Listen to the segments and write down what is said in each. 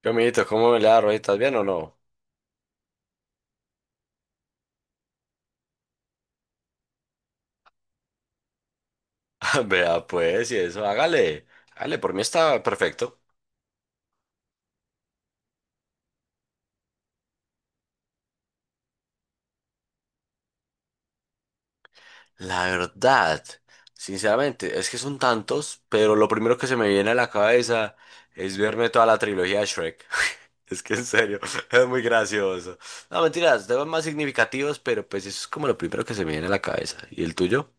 ¿Qué, amiguito? ¿Cómo le da, Roy? ¿Estás bien o no? Vea, pues, y eso, hágale. Hágale, por mí está perfecto. La verdad, sinceramente, es que son tantos, pero lo primero que se me viene a la cabeza es verme toda la trilogía de Shrek. Es que en serio, es muy gracioso. No, mentiras, temas más significativos, pero pues eso es como lo primero que se me viene a la cabeza. ¿Y el tuyo?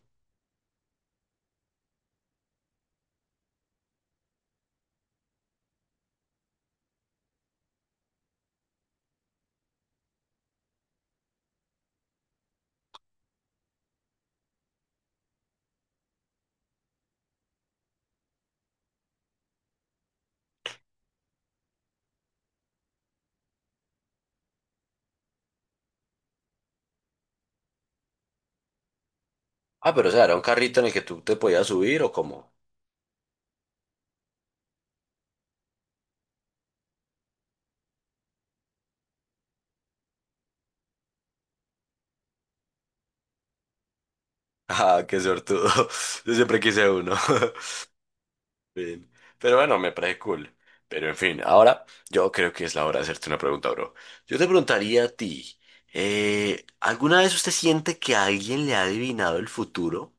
Ah, pero o sea, era un carrito en el que tú te podías subir o cómo. Ah, qué sortudo. Yo siempre quise uno. Sí. Pero bueno, me parece cool. Pero en fin, ahora yo creo que es la hora de hacerte una pregunta, bro. Yo te preguntaría a ti, ¿alguna vez usted siente que alguien le ha adivinado el futuro?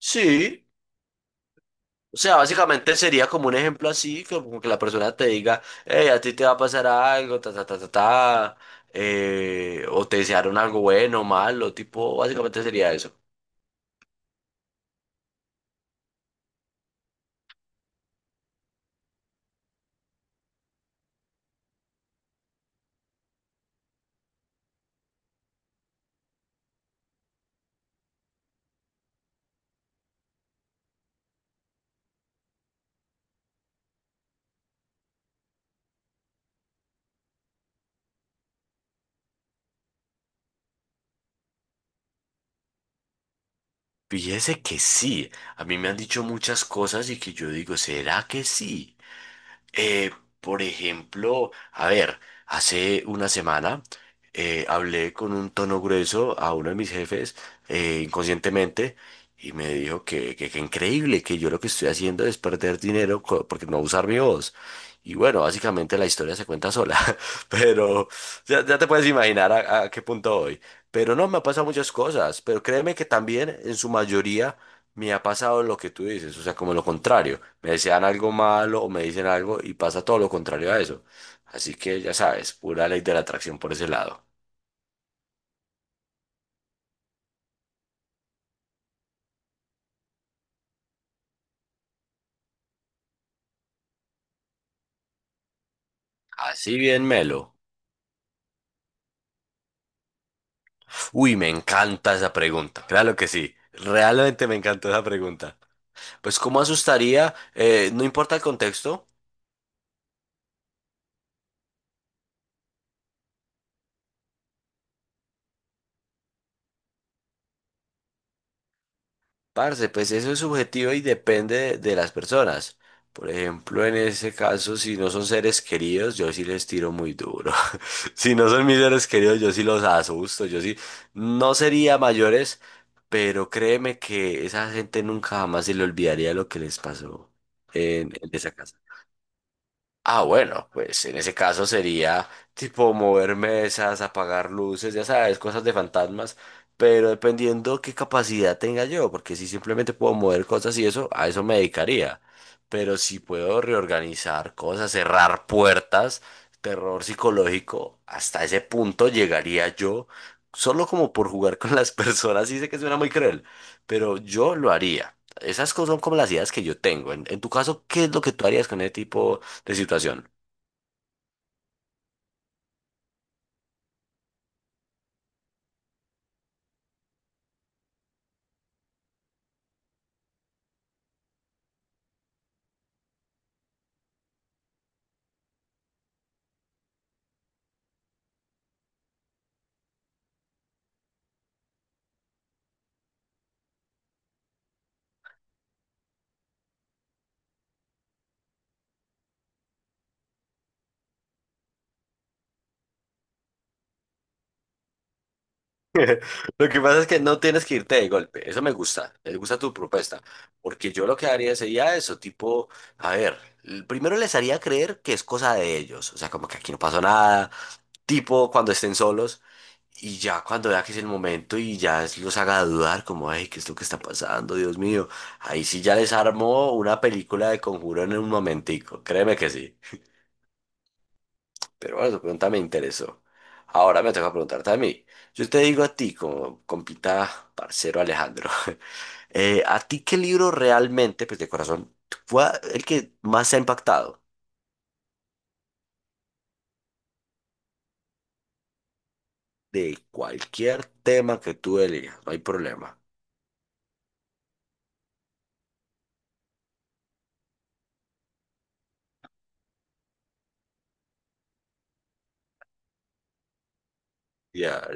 Sí. O sea, básicamente sería como un ejemplo así, como que la persona te diga, hey, a ti te va a pasar algo, ta, ta, ta, ta, ta, o te desearon algo bueno, malo, tipo, básicamente sería eso. Fíjese que sí, a mí me han dicho muchas cosas y que yo digo, ¿será que sí? Eh, por ejemplo, a ver, hace una semana hablé con un tono grueso a uno de mis jefes, inconscientemente, y me dijo que, que increíble, que yo lo que estoy haciendo es perder dinero co- porque no usar mi voz. Y bueno, básicamente la historia se cuenta sola, pero ya te puedes imaginar a qué punto voy. Pero no, me han pasado muchas cosas, pero créeme que también en su mayoría me ha pasado lo que tú dices, o sea, como lo contrario. Me desean algo malo o me dicen algo y pasa todo lo contrario a eso. Así que ya sabes, pura ley de la atracción por ese lado. Así bien, melo. Uy, me encanta esa pregunta. Claro que sí. Realmente me encantó esa pregunta. Pues, ¿cómo asustaría? No importa el contexto. Parce, pues eso es subjetivo y depende de las personas. Por ejemplo, en ese caso, si no son seres queridos, yo sí les tiro muy duro. Si no son mis seres queridos, yo sí los asusto. Yo sí, no sería mayores, pero créeme que esa gente nunca jamás se le olvidaría lo que les pasó en esa casa. Ah, bueno, pues en ese caso sería tipo mover mesas, apagar luces, ya sabes, cosas de fantasmas, pero dependiendo qué capacidad tenga yo, porque si simplemente puedo mover cosas y eso, a eso me dedicaría. Pero si puedo reorganizar cosas, cerrar puertas, terror psicológico, hasta ese punto llegaría yo, solo como por jugar con las personas, y sé que suena muy cruel, pero yo lo haría. Esas cosas son como las ideas que yo tengo. En tu caso, ¿qué es lo que tú harías con ese tipo de situación? Lo que pasa es que no tienes que irte de golpe. Eso me gusta. Me gusta tu propuesta. Porque yo lo que haría sería eso, tipo, a ver, l- primero les haría creer que es cosa de ellos. O sea, como que aquí no pasó nada. Tipo, cuando estén solos. Y ya cuando vea que es el momento y ya es- los haga dudar, como, ay, ¿qué es lo que está pasando? Dios mío. Ahí sí ya les armo una película de conjuro en un momentico. Créeme que sí. Pero bueno, tu pregunta me interesó. Ahora me toca preguntarte a mí. Yo te digo a ti, como compita parcero Alejandro, ¿a ti qué libro realmente, pues de corazón, fue el que más te ha impactado? De cualquier tema que tú elijas, no hay problema. Ya.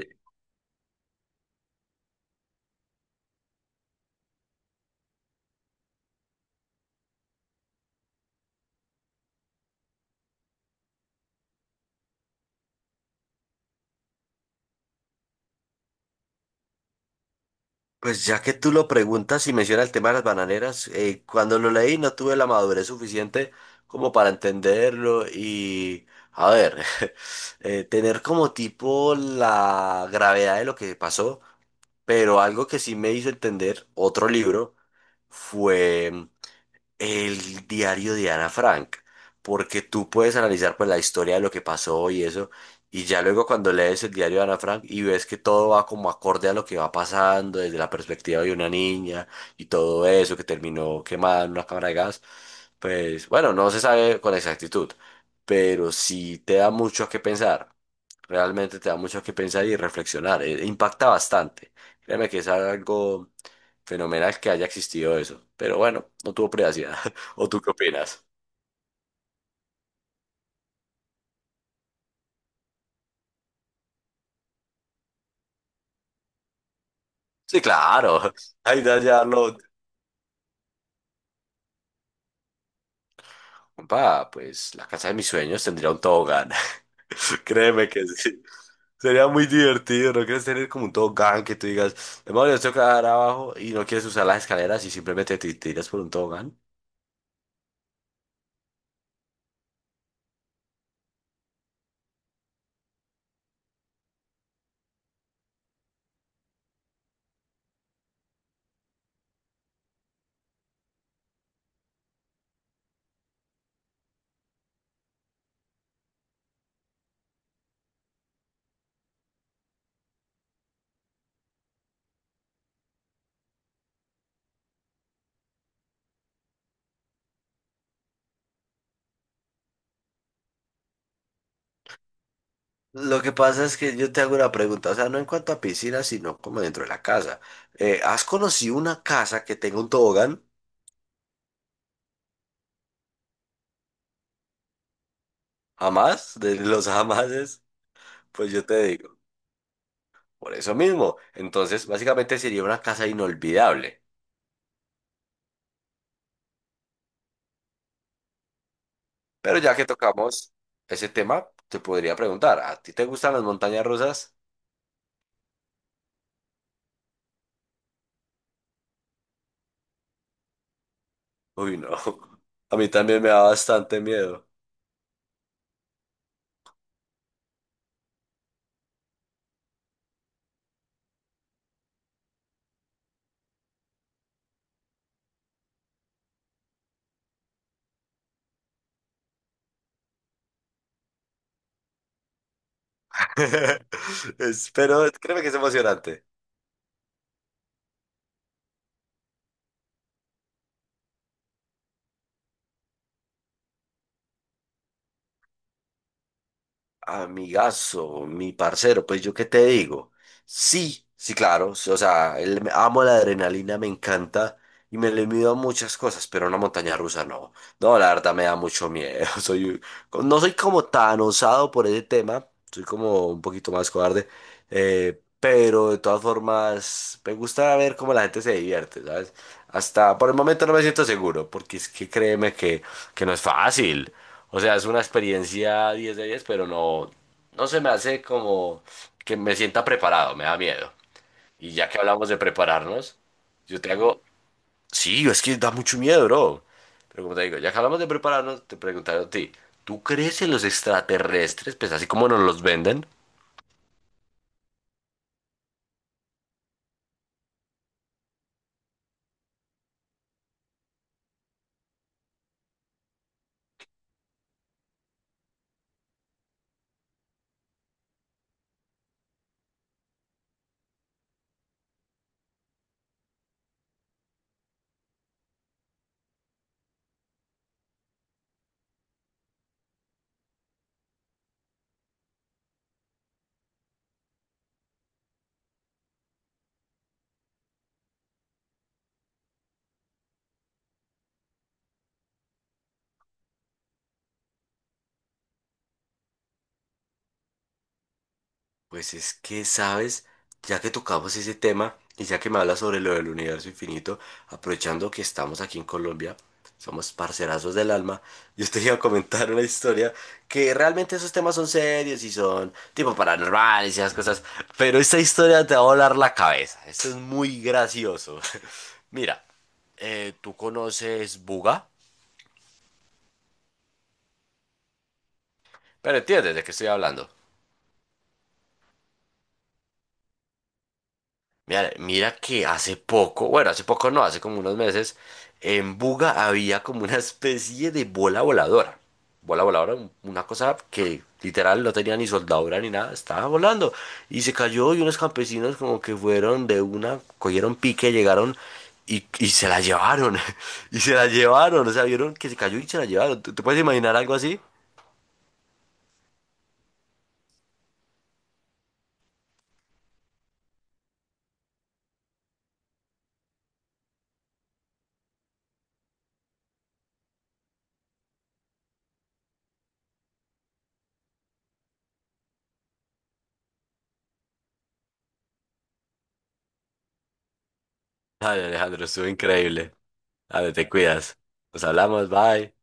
Pues ya que tú lo preguntas y menciona el tema de las bananeras, cuando lo leí no tuve la madurez suficiente como para entenderlo y, a ver, tener como tipo la gravedad de lo que pasó, pero algo que sí me hizo entender otro libro fue el diario de Ana Frank, porque tú puedes analizar pues la historia de lo que pasó y eso, y ya luego cuando lees el diario de Ana Frank y ves que todo va como acorde a lo que va pasando desde la perspectiva de una niña y todo eso que terminó quemada en una cámara de gas, pues bueno, no se sabe con exactitud, pero sí te da mucho a qué pensar. Realmente te da mucho que pensar y reflexionar. Impacta bastante. Créeme que es algo fenomenal que haya existido eso. Pero bueno, no tuvo privacidad. ¿O tú qué opinas? Sí, claro. Ahí ya lo... Compa, pues la casa de mis sueños tendría un tobogán. Créeme que sí. Sería muy divertido, ¿no quieres tener como un tobogán que tú digas, demonios, tengo que dar abajo y no quieres usar las escaleras y simplemente te tiras por un tobogán? Lo que pasa es que yo te hago una pregunta, o sea, no en cuanto a piscinas, sino como dentro de la casa. ¿Has conocido una casa que tenga un tobogán? ¿Jamás? De los jamases, pues yo te digo, por eso mismo. Entonces, básicamente sería una casa inolvidable. Pero ya que tocamos ese tema, te podría preguntar, ¿a ti te gustan las montañas rusas? Uy, no. A mí también me da bastante miedo. Es- Pero créeme que es emocionante. Amigazo, mi parcero, pues yo qué te digo. Sí, sí, claro. Sí, o sea, el, amo la adrenalina, me encanta y me le mido a muchas cosas, pero una montaña rusa no. No, la verdad me da mucho miedo. Soy, no soy como tan osado por ese tema, soy como un poquito más cobarde, pero de todas formas me gusta ver cómo la gente se divierte, ¿sabes? Hasta por el momento no me siento seguro, porque es que créeme que no es fácil. O sea, es una experiencia 10 de 10, pero no, no se me hace como que me sienta preparado, me da miedo. Y ya que hablamos de prepararnos, yo te hago... Sí, es que da mucho miedo, bro. Pero como te digo, ya que hablamos de prepararnos, te preguntaron a ti, ¿tú crees en los extraterrestres? Pues así como nos los venden. Pues es que, sabes, ya que tocamos ese tema y ya que me hablas sobre lo del universo infinito, aprovechando que estamos aquí en Colombia, somos parcerazos del alma, yo te iba a comentar una historia que realmente esos temas son serios y son tipo paranormales y esas cosas, pero esta historia te va a volar la cabeza. Esto es muy gracioso. Mira, tú conoces Buga, pero entiendes de qué estoy hablando. Mira, mira que hace poco, bueno, hace poco no, hace como unos meses, en Buga había como una especie de bola voladora. Bola voladora, un- una cosa que literal no tenía ni soldadura ni nada, estaba volando. Y se cayó y unos campesinos como que fueron de una, cogieron pique, llegaron y se la llevaron. Y se la llevaron, o sea, vieron que se cayó y se la llevaron. ¿Tú, tú puedes imaginar algo así? Ay, Alejandro, estuvo increíble. A ver, te cuidas. Nos hablamos, bye.